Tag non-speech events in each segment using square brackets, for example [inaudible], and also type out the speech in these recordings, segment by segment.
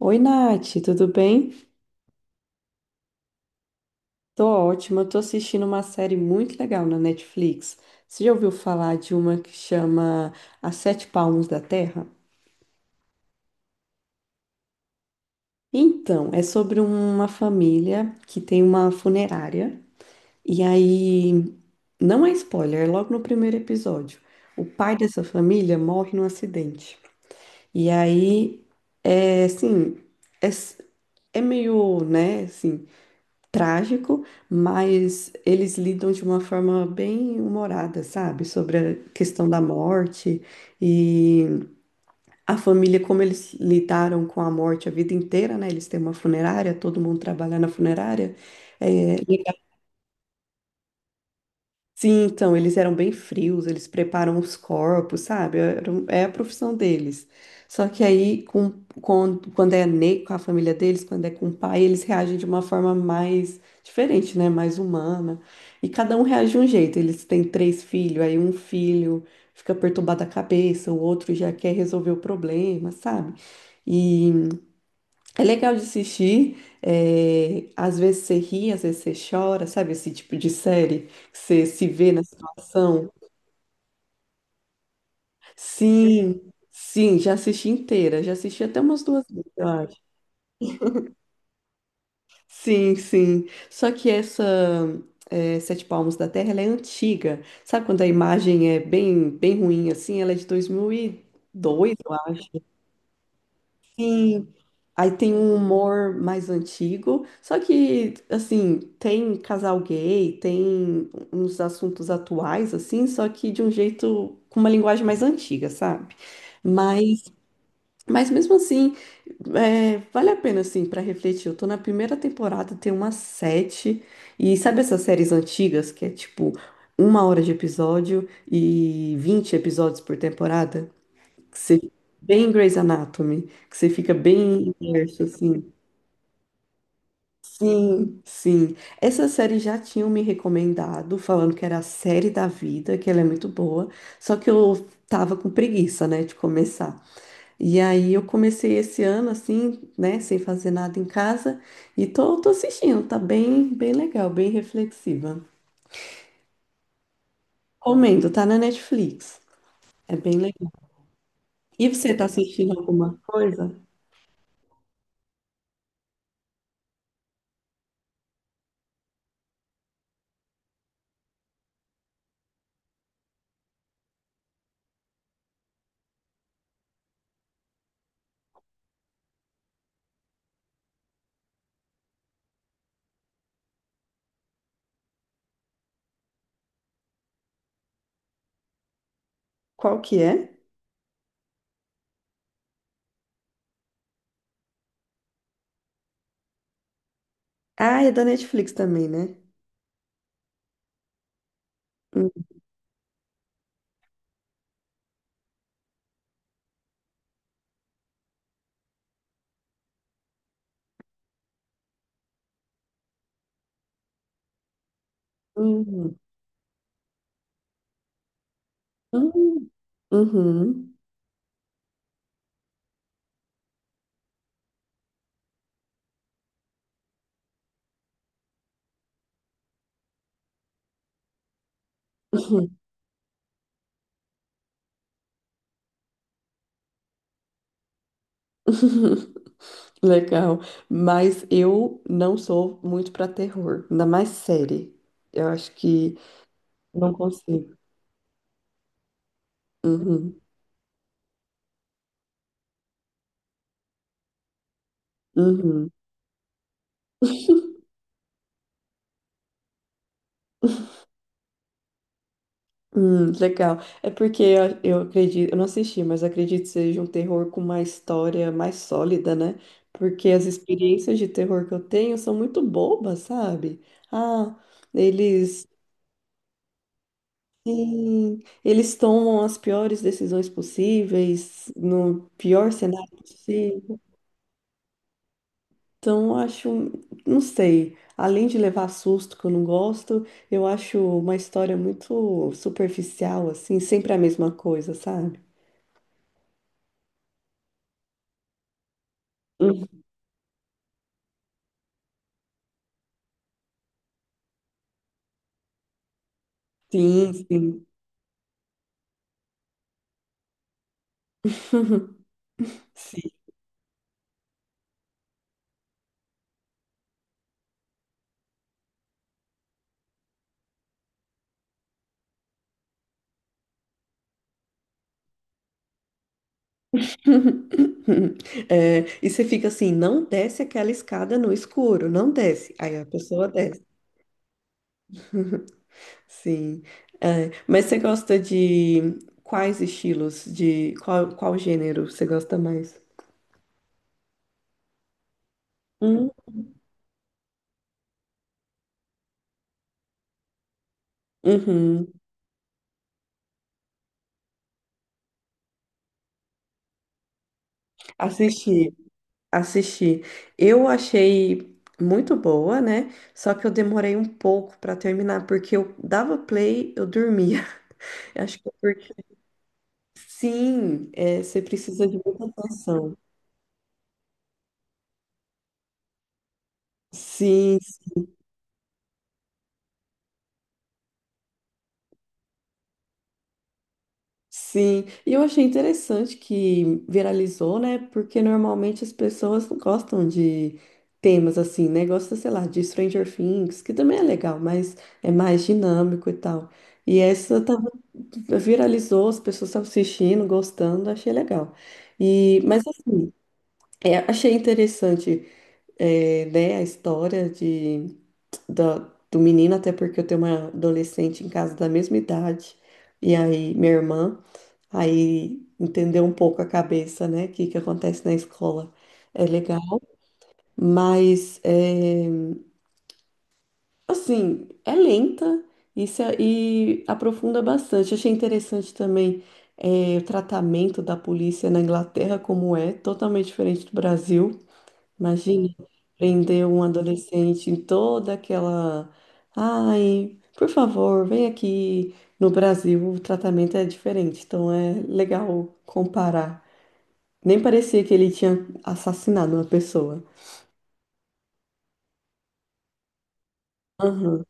Oi, Nath, tudo bem? Tô ótima, tô assistindo uma série muito legal na Netflix. Você já ouviu falar de uma que chama As Sete Palmos da Terra? Então, é sobre uma família que tem uma funerária, e aí, não é spoiler, é logo no primeiro episódio. O pai dessa família morre num acidente. E aí, é assim, é, s- é meio, né, assim, trágico, mas eles lidam de uma forma bem humorada, sabe? Sobre a questão da morte e a família, como eles lidaram com a morte a vida inteira, né? Eles têm uma funerária, todo mundo trabalha na funerária. É, sim, então, eles eram bem frios, eles preparam os corpos, sabe? É, é a profissão deles. Só que aí, com- quando é ne com a família deles, quando é com o pai, eles reagem de uma forma mais diferente, né? Mais humana. E cada um reage de um jeito. Eles têm três filhos, aí um filho fica perturbado a cabeça, o outro já quer resolver o problema, sabe? É legal de assistir, às vezes você ri, às vezes você chora, sabe esse tipo de série? Que você se vê na situação. Sim, sim, já assisti inteira, já assisti até umas duas vezes, eu acho. Sim, sim. Só que essa, Sete Palmos da Terra, ela é antiga. Sabe quando a imagem é bem, bem ruim assim? Ela é de 2002, eu acho. Sim, aí tem um humor mais antigo, só que, assim, tem casal gay, tem uns assuntos atuais, assim, só que de um jeito, com uma linguagem mais antiga, sabe? Mas, mas mesmo assim, é, vale a pena, assim, para refletir. Eu tô na primeira temporada, tem umas sete, e sabe essas séries antigas, que é tipo uma hora de episódio e 20 episódios por temporada? Que você, bem Grey's Anatomy, que você fica bem imerso, assim. Sim, sim. Essa série já tinham me recomendado, falando que era a série da vida, que ela é muito boa, só que eu tava com preguiça, né, de começar. E aí eu comecei esse ano assim, né, sem fazer nada em casa, e tô assistindo, tá bem, bem legal, bem reflexiva. Comendo, tá na Netflix. É bem legal. E você tá assistindo alguma coisa? Qual que é? Ah, é da Netflix também, né? Hum, hum, uhum. [laughs] [laughs] Legal. Mas eu não sou muito para terror, ainda mais série. Eu acho que não consigo. Uhum, uhum. [laughs] Legal. É porque eu acredito, eu não assisti, mas acredito que seja um terror com uma história mais sólida, né? Porque as experiências de terror que eu tenho são muito bobas, sabe? Ah, eles, sim, eles tomam as piores decisões possíveis, no pior cenário possível. Então, eu acho, não sei, além de levar susto que eu não gosto, eu acho uma história muito superficial, assim, sempre a mesma coisa, sabe? Hum. Sim, sim. [laughs] Sim. [laughs] É, e você fica assim, não desce aquela escada no escuro, não desce. Aí a pessoa desce. [laughs] Sim. É, mas você gosta de quais estilos, de qual, qual gênero você gosta mais? Hum, Uhum. Assisti, assisti. Eu achei muito boa, né? Só que eu demorei um pouco para terminar, porque eu dava play, eu dormia. [laughs] Acho que é porque sim, é, você precisa de muita atenção. Sim, sim. E eu achei interessante que viralizou, né? Porque normalmente as pessoas não gostam de temas assim, né? Gosta, sei lá, de Stranger Things, que também é legal, mas é mais dinâmico e tal. E essa viralizou, as pessoas estavam assistindo, gostando, achei legal. E, mas assim, é, achei interessante, é, né, a história de, da- do menino, até porque eu tenho uma adolescente em casa da mesma idade, e aí minha irmã, aí entendeu um pouco a cabeça, né, que acontece na escola. É legal, mas é, assim, é lenta e, e aprofunda bastante. Achei interessante também, o tratamento da polícia na Inglaterra, como é, totalmente diferente do Brasil. Imagina prender um adolescente em toda aquela. Ai, por favor, vem aqui. No Brasil, o tratamento é diferente, então é legal comparar. Nem parecia que ele tinha assassinado uma pessoa. Aham.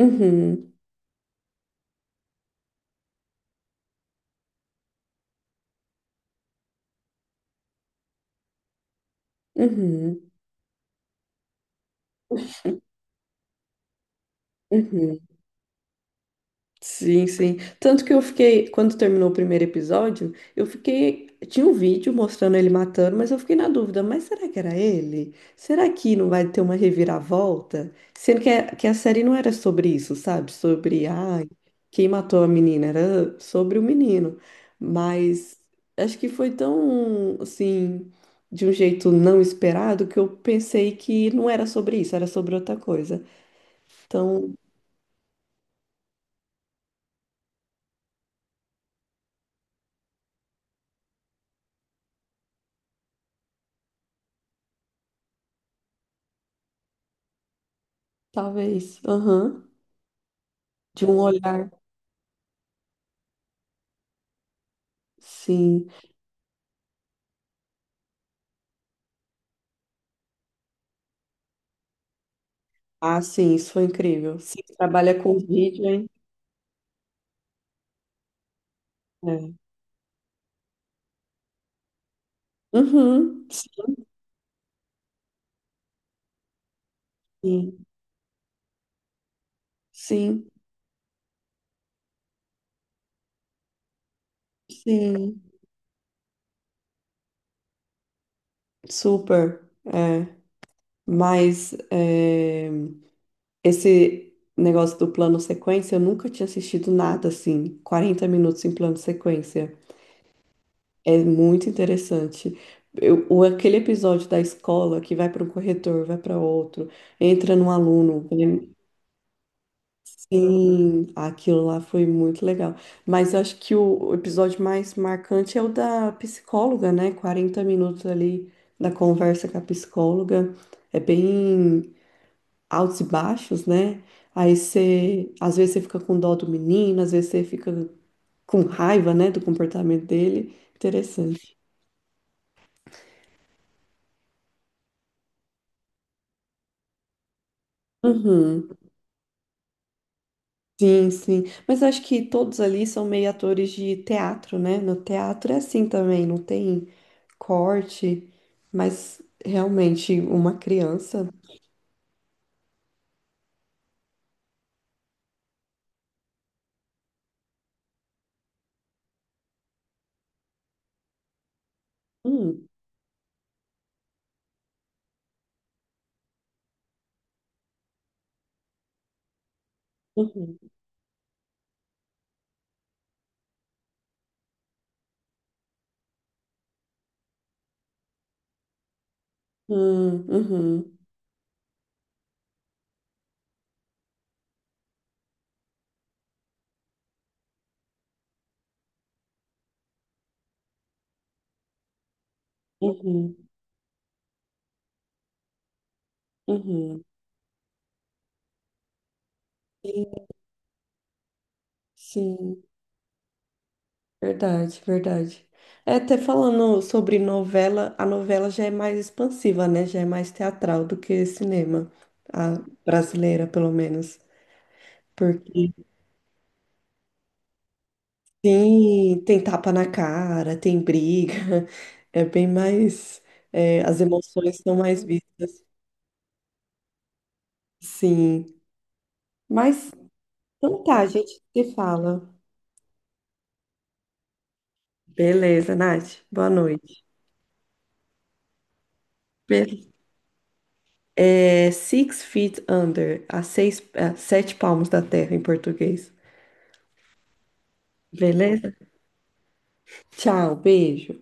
Uhum. Uhum. Uhum. Sim, sim. Tanto que eu fiquei, quando terminou o primeiro episódio, eu fiquei. Tinha um vídeo mostrando ele matando, mas eu fiquei na dúvida, mas será que era ele? Será que não vai ter uma reviravolta? Sendo que a série não era sobre isso, sabe? Sobre, ai, quem matou a menina, era sobre o menino. Mas acho que foi tão, assim, de um jeito não esperado que eu pensei que não era sobre isso, era sobre outra coisa. Então, talvez, aham, de um olhar. Sim. Ah, sim, isso foi incrível. Sim, trabalha com vídeo, hein? É. Uhum. Sim, sim, sim. Super. É. Mas é, esse negócio do plano sequência, eu nunca tinha assistido nada assim. 40 minutos em plano sequência. É muito interessante. Aquele episódio da escola que vai para um corredor, vai para outro, entra num aluno. Sim, aquilo lá foi muito legal. Mas eu acho que o episódio mais marcante é o da psicóloga, né? 40 minutos ali da conversa com a psicóloga. É bem altos e baixos, né? Às vezes você fica com dó do menino, às vezes você fica com raiva, né, do comportamento dele. Interessante. Uhum. Sim, sim. Mas acho que todos ali são meio atores de teatro, né? No teatro é assim também, não tem corte, mas realmente uma criança. Hum, uhum, uhum, uhum, uhum. Sim, sim, verdade, verdade. É, até falando sobre novela, a novela já é mais expansiva, né? Já é mais teatral do que cinema, a brasileira, pelo menos. Porque sim, tem tapa na cara, tem briga. [laughs] É bem mais. É, as emoções são mais vistas. Sim. Mas então tá, a gente se fala. Beleza, Nath. Boa noite. Be- É Six Feet Under, a seis, a sete palmos da terra em português. Beleza? Tchau, beijo.